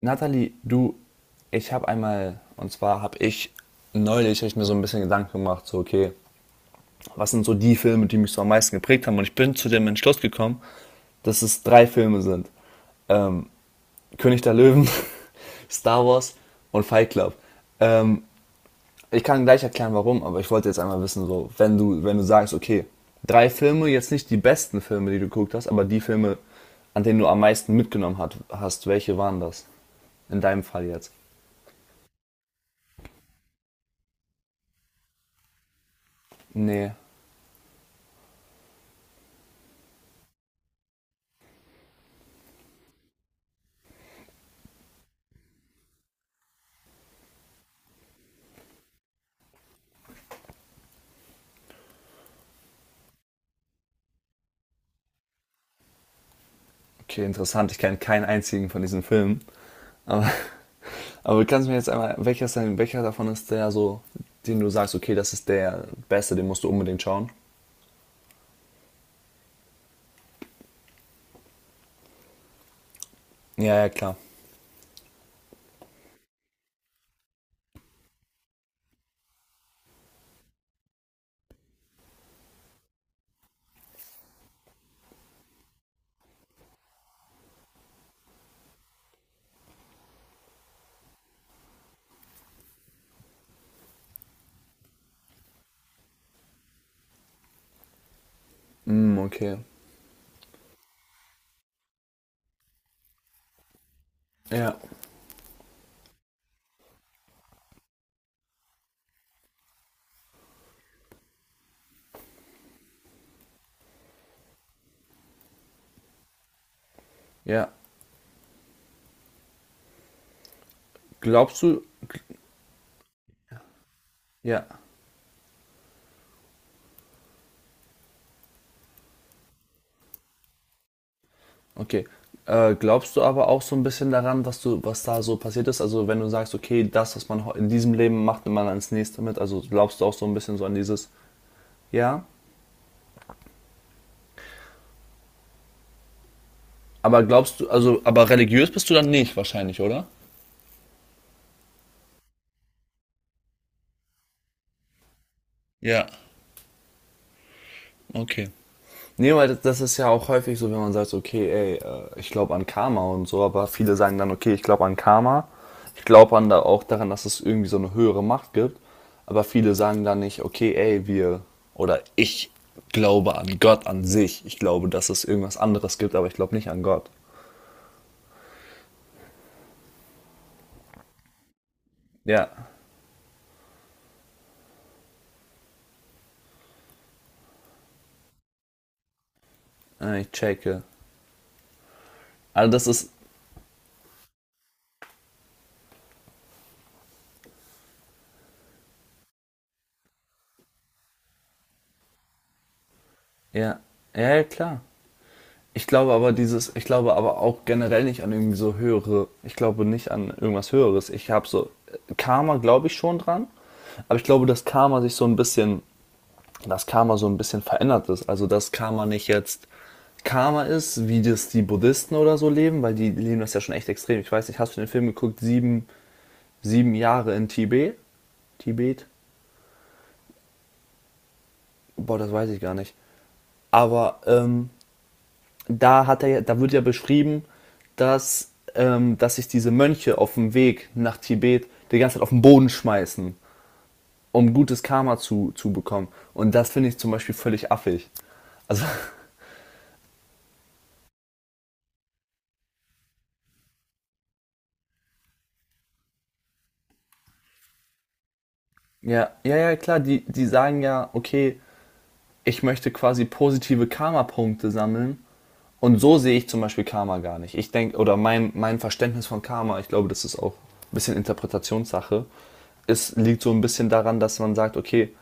Nathalie, du, ich habe einmal, und zwar habe ich neulich hab ich mir so ein bisschen Gedanken gemacht, so okay, was sind so die Filme, die mich so am meisten geprägt haben? Und ich bin zu dem Entschluss gekommen, dass es drei Filme sind. Ähm, König der Löwen, Star Wars und Fight Club. Ähm, ich kann gleich erklären, warum, aber ich wollte jetzt einmal wissen, so, wenn du sagst, okay, drei Filme, jetzt nicht die besten Filme, die du geguckt hast, aber die Filme, an denen du am meisten hast, welche waren das? In deinem Fall jetzt. Nee. Okay, interessant. Ich kenne keinen einzigen von diesen Filmen. Aber kannst du mir jetzt einmal, welcher davon ist der so, den du sagst, okay, das ist der beste, den musst du unbedingt schauen? Ja, ja, klar. Hm, okay. Ja. Ja. Glaubst du, ja, okay. Glaubst du aber auch so ein bisschen daran, was da so passiert ist? Also wenn du sagst, okay, das, was man in diesem Leben macht, nimmt man ans nächste mit. Also glaubst du auch so ein bisschen so an dieses, ja. Aber glaubst du, also, aber religiös bist du dann nicht wahrscheinlich, oder? Ja, okay. Nee, weil das ist ja auch häufig so, wenn man sagt, so, okay, ey, ich glaube an Karma und so, aber viele sagen dann, okay, ich glaube an Karma, ich glaube an da auch daran, dass es irgendwie so eine höhere Macht gibt, aber viele sagen dann nicht, okay, ey, wir oder ich glaube an Gott an sich, ich glaube, dass es irgendwas anderes gibt, aber ich glaube nicht an Gott. Ja, ich checke. Also das ist, ja, ja, ja, klar. Ich glaube aber auch generell nicht an irgendwie so höhere, ich glaube nicht an irgendwas Höheres. Ich habe so, Karma glaube ich schon dran, aber ich glaube, dass Karma sich so ein bisschen, dass Karma so ein bisschen verändert ist. Also, dass Karma nicht jetzt Karma ist, wie das die Buddhisten oder so leben, weil die leben das ja schon echt extrem. Ich weiß nicht, hast du den Film geguckt, sieben Jahre in Tibet? Tibet? Boah, das weiß ich gar nicht. Aber da hat er, da wird ja beschrieben, dass sich diese Mönche auf dem Weg nach Tibet die ganze Zeit auf den Boden schmeißen, um gutes Karma zu bekommen. Und das finde ich zum Beispiel völlig affig. Also, ja, ja, ja, klar, die sagen ja, okay, ich möchte quasi positive Karma-Punkte sammeln. Und so sehe ich zum Beispiel Karma gar nicht. Ich denke, mein Verständnis von Karma, ich glaube, das ist auch ein bisschen Interpretationssache. Es liegt so ein bisschen daran, dass man sagt, okay,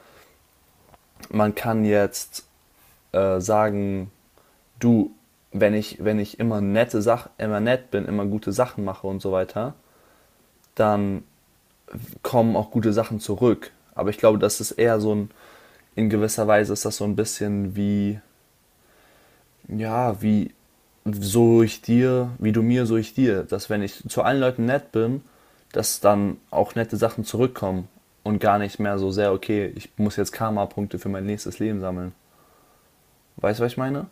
man kann jetzt sagen, du, wenn ich immer nette Sach immer nett bin, immer gute Sachen mache und so weiter, dann kommen auch gute Sachen zurück. Aber ich glaube, das ist eher so ein, in gewisser Weise ist das so ein bisschen wie, ja, wie so ich dir, so ich dir. Dass wenn ich zu allen Leuten nett bin, dass dann auch nette Sachen zurückkommen und gar nicht mehr so sehr, okay, ich muss jetzt Karma-Punkte für mein nächstes Leben sammeln. Weißt du, was ich meine?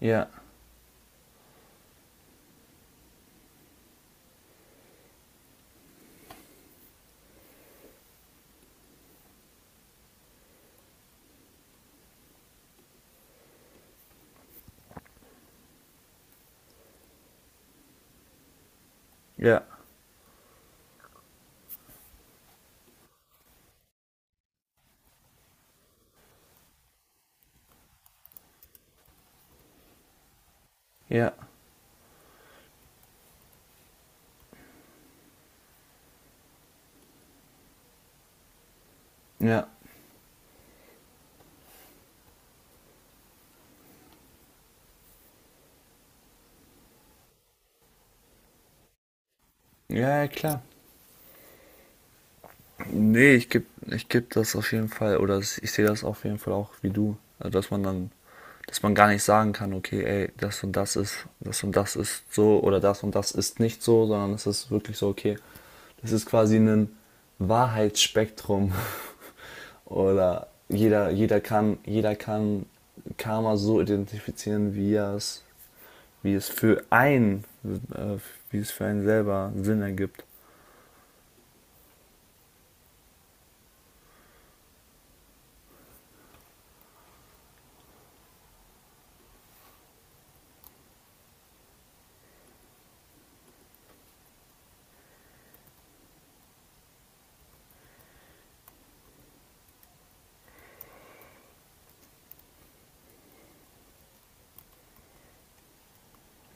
Ja, ja, ja, ja. Ja, ja, klar. Nee, ich geb das auf jeden Fall, ich sehe das auf jeden Fall auch wie du. Also, dass man dann, dass man gar nicht sagen kann, okay, ey, das und das ist so oder das und das ist nicht so, sondern es ist wirklich so, okay, das ist quasi ein Wahrheitsspektrum. Oder jeder kann Karma so identifizieren, wie es für einen, äh, wie es für einen selber Sinn ergibt.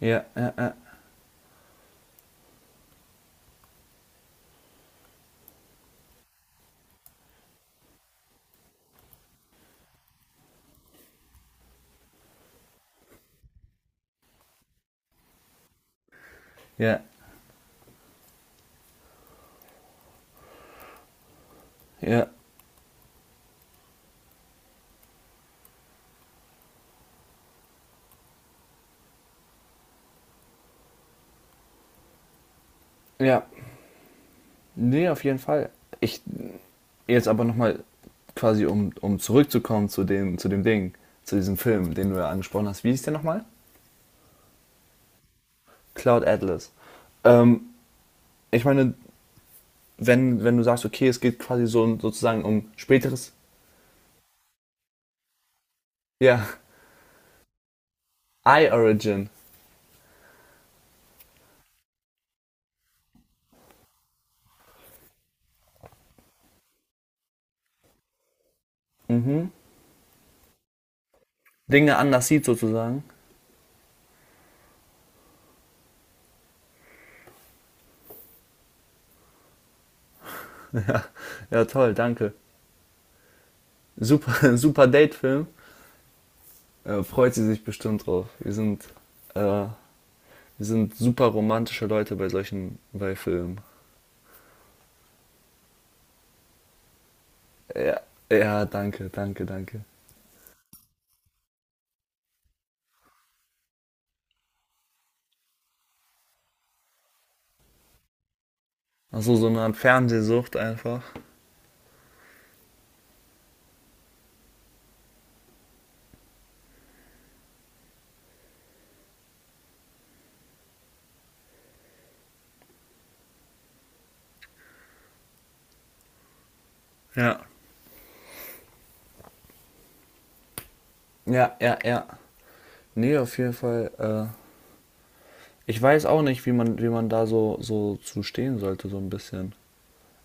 Ja, ja, ja. Ja. Ja, ja. Nee, auf jeden Fall. Ich jetzt aber nochmal quasi, um zurückzukommen zu dem, zu diesem Film, den du ja angesprochen hast. Wie hieß der nochmal? Cloud Atlas. Ähm, ich meine, wenn du sagst, okay, es geht quasi so sozusagen um späteres, ja, Eye Origin. Dinge anders sieht sozusagen. Ja, toll, danke. Super, super Date-Film. Freut sie sich bestimmt drauf. Äh, wir sind super romantische Leute bei bei Filmen. Ja, ja, danke, danke, danke. Also so eine Art Fernsehsucht einfach. Ja. Ja, ja, ja. Nee, auf jeden Fall. Ich weiß auch nicht, wie man da so, so zu stehen sollte, so ein bisschen.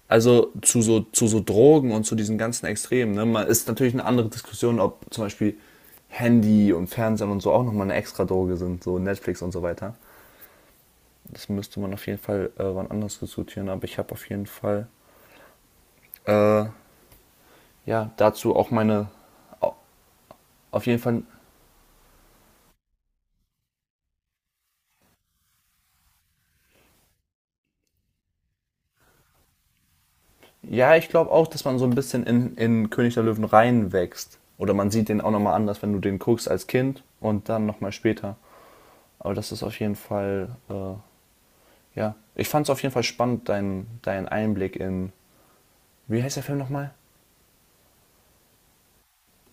Also zu so Drogen und zu diesen ganzen Extremen. Ne? Man ist natürlich eine andere Diskussion, ob zum Beispiel Handy und Fernsehen und so auch nochmal eine extra Droge sind, so Netflix und so weiter. Das müsste man auf jeden Fall wann anders diskutieren, aber ich habe auf jeden Fall äh, ja dazu auch meine auf jeden Fall Ja, ich glaube auch, dass man so ein bisschen in König der Löwen reinwächst. Oder man sieht den auch nochmal anders, wenn du den guckst als Kind und dann nochmal später. Aber das ist auf jeden Fall, ja. Ich fand es auf jeden Fall spannend, dein Einblick in, wie heißt der Film nochmal?